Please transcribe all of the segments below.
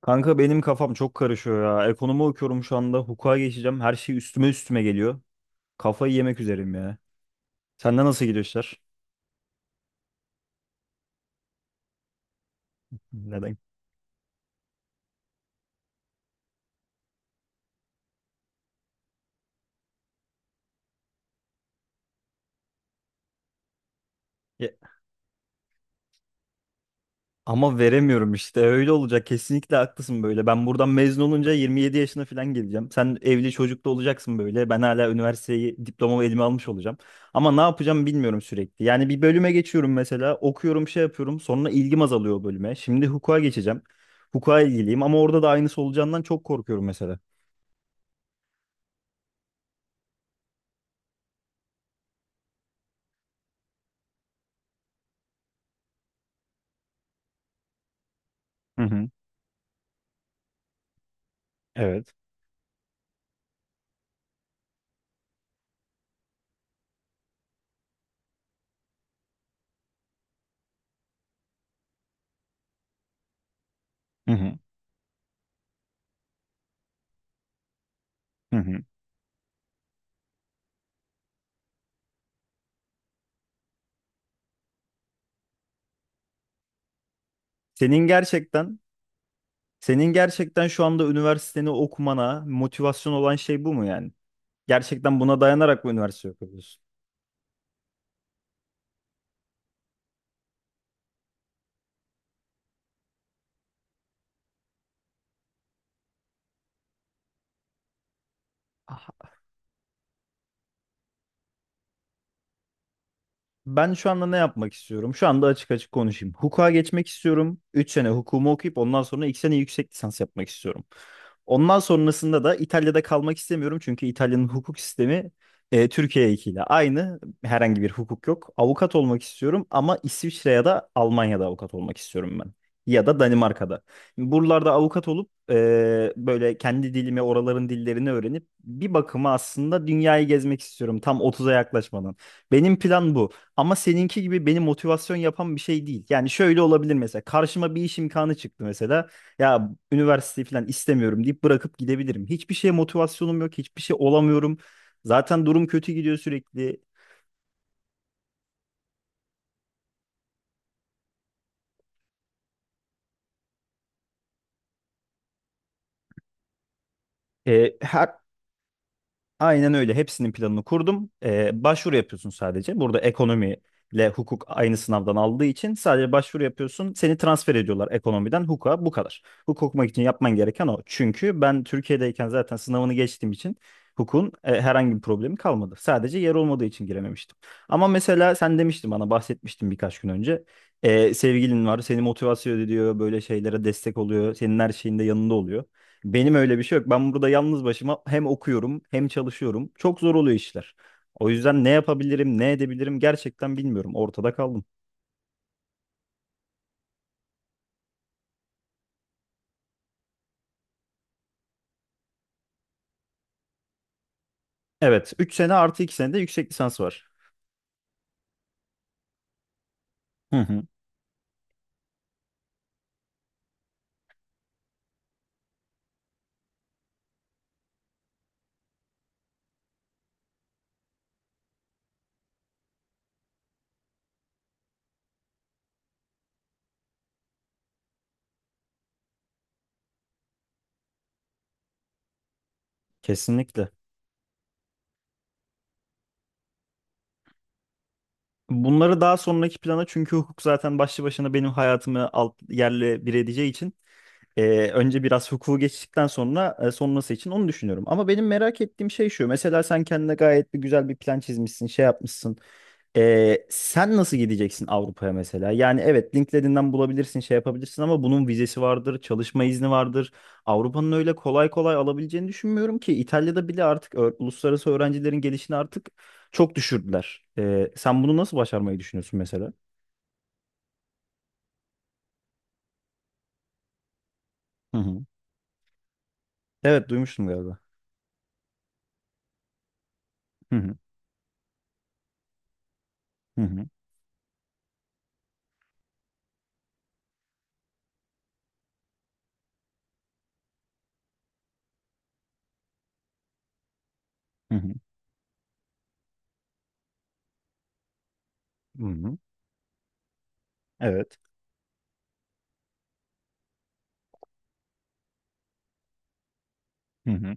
Kanka benim kafam çok karışıyor ya. Ekonomi okuyorum şu anda. Hukuka geçeceğim. Her şey üstüme üstüme geliyor. Kafayı yemek üzereyim ya. Sende nasıl gidiyor işler? Neden? Ya, ama veremiyorum işte. Öyle olacak. Kesinlikle haklısın böyle. Ben buradan mezun olunca 27 yaşına falan geleceğim. Sen evli çocuklu olacaksın böyle. Ben hala üniversiteyi, diplomamı elime almış olacağım. Ama ne yapacağım bilmiyorum sürekli. Yani bir bölüme geçiyorum mesela. Okuyorum, şey yapıyorum. Sonra ilgim azalıyor o bölüme. Şimdi hukuka geçeceğim. Hukuka ilgiliyim ama orada da aynısı olacağından çok korkuyorum mesela. Hı hı. Evet. Hı hı. Hı hı. Senin gerçekten senin gerçekten şu anda üniversiteni okumana motivasyon olan şey bu mu yani? Gerçekten buna dayanarak mı üniversite okuyorsun? Ah, Ben şu anda ne yapmak istiyorum? Şu anda açık açık konuşayım. Hukuka geçmek istiyorum. 3 sene hukumu okuyup ondan sonra 2 sene yüksek lisans yapmak istiyorum. Ondan sonrasında da İtalya'da kalmak istemiyorum çünkü İtalya'nın hukuk sistemi Türkiye'dekiyle aynı. Herhangi bir hukuk yok. Avukat olmak istiyorum ama İsviçre ya da Almanya'da avukat olmak istiyorum ben. Ya da Danimarka'da. Buralarda avukat olup böyle kendi dilimi, oraların dillerini öğrenip bir bakıma aslında dünyayı gezmek istiyorum tam 30'a yaklaşmadan. Benim plan bu. Ama seninki gibi beni motivasyon yapan bir şey değil. Yani şöyle olabilir mesela. Karşıma bir iş imkanı çıktı mesela ya üniversiteyi falan istemiyorum deyip bırakıp gidebilirim. Hiçbir şeye motivasyonum yok, hiçbir şey olamıyorum. Zaten durum kötü gidiyor sürekli. E, her Aynen öyle. Hepsinin planını kurdum. Başvuru yapıyorsun sadece. Burada ekonomiyle hukuk aynı sınavdan aldığı için sadece başvuru yapıyorsun. Seni transfer ediyorlar ekonomiden hukuka bu kadar. Hukuk okumak için yapman gereken o. Çünkü ben Türkiye'deyken zaten sınavını geçtiğim için hukukun herhangi bir problemi kalmadı. Sadece yer olmadığı için girememiştim. Ama mesela sen demiştin bana bahsetmiştin birkaç gün önce. Sevgilin var, seni motivasyon ediyor, böyle şeylere destek oluyor, senin her şeyinde yanında oluyor. Benim öyle bir şey yok. Ben burada yalnız başıma hem okuyorum hem çalışıyorum. Çok zor oluyor işler. O yüzden ne yapabilirim, ne edebilirim gerçekten bilmiyorum. Ortada kaldım. Evet, 3 sene artı 2 sene de yüksek lisans var. Hı hı, kesinlikle. Bunları daha sonraki plana çünkü hukuk zaten başlı başına benim hayatımı alt yerle bir edeceği için önce biraz hukuku geçtikten sonra sonrası için onu düşünüyorum. Ama benim merak ettiğim şey şu. Mesela sen kendine gayet bir güzel bir plan çizmişsin, şey yapmışsın. Sen nasıl gideceksin Avrupa'ya mesela? Yani evet LinkedIn'den bulabilirsin, şey yapabilirsin ama bunun vizesi vardır, çalışma izni vardır. Avrupa'nın öyle kolay kolay alabileceğini düşünmüyorum ki İtalya'da bile artık uluslararası öğrencilerin gelişini artık çok düşürdüler. Sen bunu nasıl başarmayı düşünüyorsun mesela? Hı hı. Evet duymuştum galiba. Hı hı. Hı hı. Hı hı. Hı hı. Evet. Hı hı.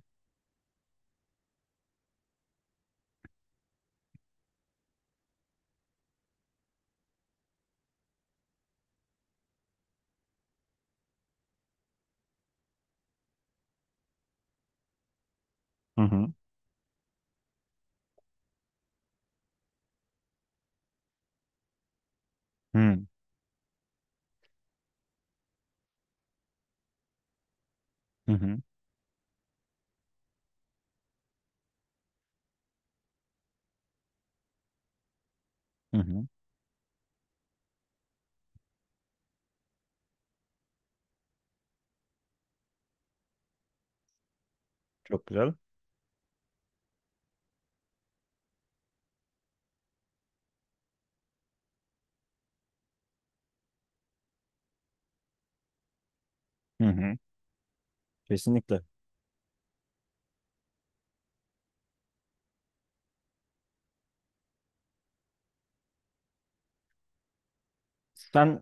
Hı hı. Hı hı. Hı hı. Hı hı. Çok güzel. Hı hı. Kesinlikle. Sen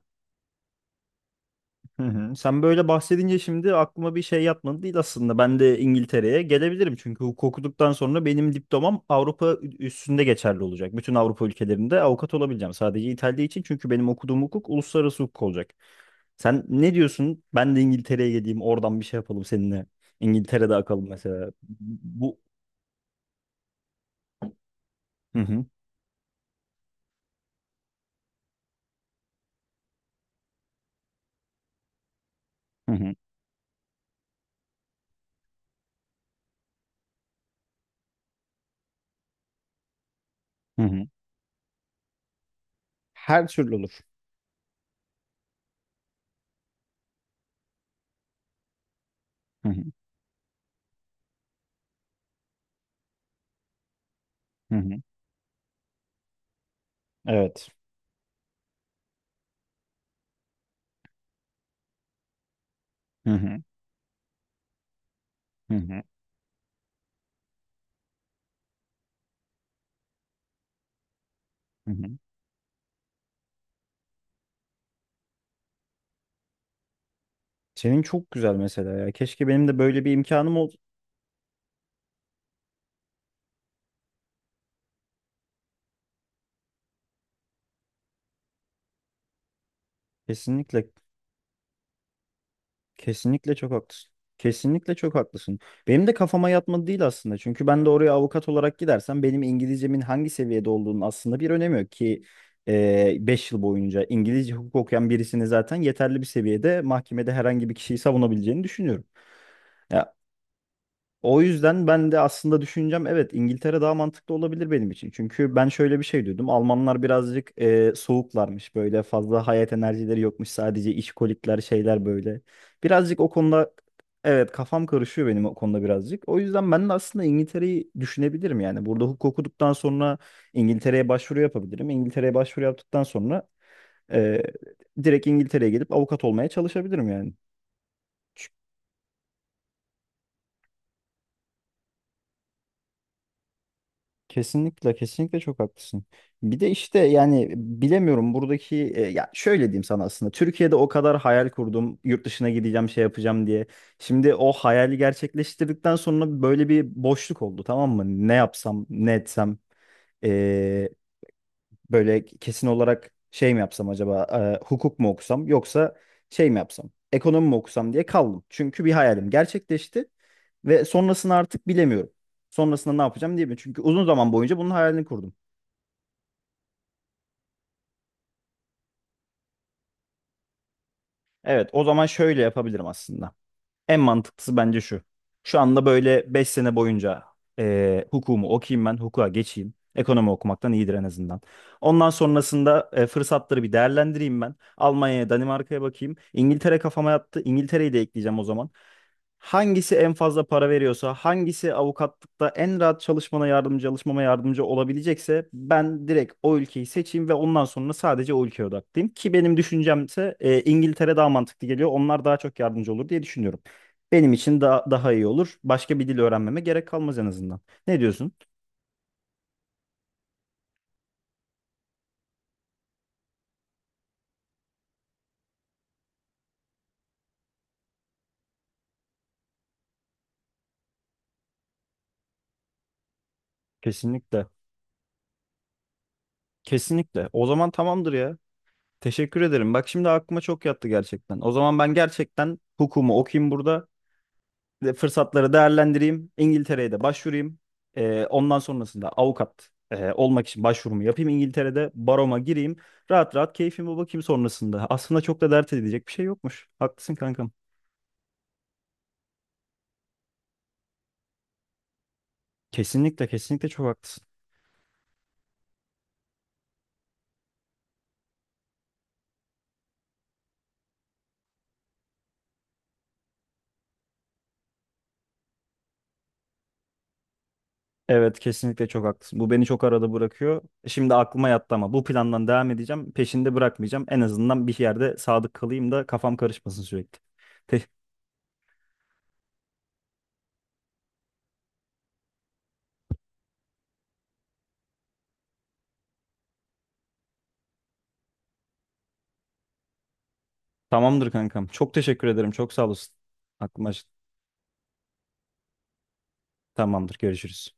Hı hı. Sen böyle bahsedince şimdi aklıma bir şey yatmadı değil aslında. Ben de İngiltere'ye gelebilirim çünkü hukuk okuduktan sonra benim diplomam Avrupa üstünde geçerli olacak. Bütün Avrupa ülkelerinde avukat olabileceğim. Sadece İtalya için çünkü benim okuduğum hukuk uluslararası hukuk olacak. Sen ne diyorsun? Ben de İngiltere'ye geleyim, oradan bir şey yapalım seninle. İngiltere'de akalım mesela. Bu Hı hı, hı hı, hı hı. Her türlü olur. Hı hı, hı hı. Evet. Hı hı, hı hı, hı hı. Senin çok güzel mesela ya. Keşke benim de böyle bir imkanım ol. Kesinlikle, kesinlikle çok haklısın. Kesinlikle çok haklısın. Benim de kafama yatmadı değil aslında. Çünkü ben de oraya avukat olarak gidersem benim İngilizcemin hangi seviyede olduğunun aslında bir önemi yok ki 5 yıl boyunca İngilizce hukuk okuyan birisini zaten yeterli bir seviyede mahkemede herhangi bir kişiyi savunabileceğini düşünüyorum. Ya, o yüzden ben de aslında düşüneceğim evet İngiltere daha mantıklı olabilir benim için. Çünkü ben şöyle bir şey duydum. Almanlar birazcık soğuklarmış böyle fazla hayat enerjileri yokmuş sadece işkolikler şeyler böyle. Birazcık o konuda evet kafam karışıyor benim o konuda birazcık. O yüzden ben de aslında İngiltere'yi düşünebilirim yani. Burada hukuk okuduktan sonra İngiltere'ye başvuru yapabilirim. İngiltere'ye başvuru yaptıktan sonra e, direkt İngiltere'ye gelip avukat olmaya çalışabilirim yani. Kesinlikle kesinlikle çok haklısın. Bir de işte yani bilemiyorum buradaki ya şöyle diyeyim sana aslında Türkiye'de o kadar hayal kurdum yurt dışına gideceğim şey yapacağım diye. Şimdi o hayali gerçekleştirdikten sonra böyle bir boşluk oldu tamam mı? Ne yapsam ne etsem e, böyle kesin olarak şey mi yapsam acaba hukuk mu okusam yoksa şey mi yapsam ekonomi mi okusam diye kaldım. Çünkü bir hayalim gerçekleşti ve sonrasını artık bilemiyorum. Sonrasında ne yapacağım diye mi? Çünkü uzun zaman boyunca bunun hayalini kurdum. Evet, o zaman şöyle yapabilirim aslında. En mantıklısı bence şu. Şu anda böyle 5 sene boyunca hukumu okuyayım ben, hukuka geçeyim. Ekonomi okumaktan iyidir en azından. Ondan sonrasında fırsatları bir değerlendireyim ben. Almanya'ya, Danimarka'ya bakayım. İngiltere kafama yattı. İngiltere'yi de ekleyeceğim o zaman. Hangisi en fazla para veriyorsa, hangisi avukatlıkta en rahat çalışmana yardımcı, çalışmama yardımcı olabilecekse ben direkt o ülkeyi seçeyim ve ondan sonra sadece o ülkeye odaklıyım. Ki benim düşüncemse İngiltere daha mantıklı geliyor. Onlar daha çok yardımcı olur diye düşünüyorum. Benim için da daha iyi olur. Başka bir dil öğrenmeme gerek kalmaz en azından. Ne diyorsun? Kesinlikle. Kesinlikle. O zaman tamamdır ya. Teşekkür ederim. Bak şimdi aklıma çok yattı gerçekten. O zaman ben gerçekten hukumu okuyayım burada. Ve fırsatları değerlendireyim. İngiltere'ye de başvurayım. Ondan sonrasında avukat olmak için başvurumu yapayım. İngiltere'de baroma gireyim. Rahat rahat keyfime bakayım sonrasında. Aslında çok da dert edecek bir şey yokmuş. Haklısın kankam. Kesinlikle kesinlikle çok haklısın. Evet kesinlikle çok haklısın. Bu beni çok arada bırakıyor. Şimdi aklıma yattı ama bu plandan devam edeceğim. Peşinde bırakmayacağım. En azından bir yerde sadık kalayım da kafam karışmasın sürekli. Te- Tamamdır kankam. Çok teşekkür ederim. Çok sağ olasın. Aklıma Tamamdır. Görüşürüz.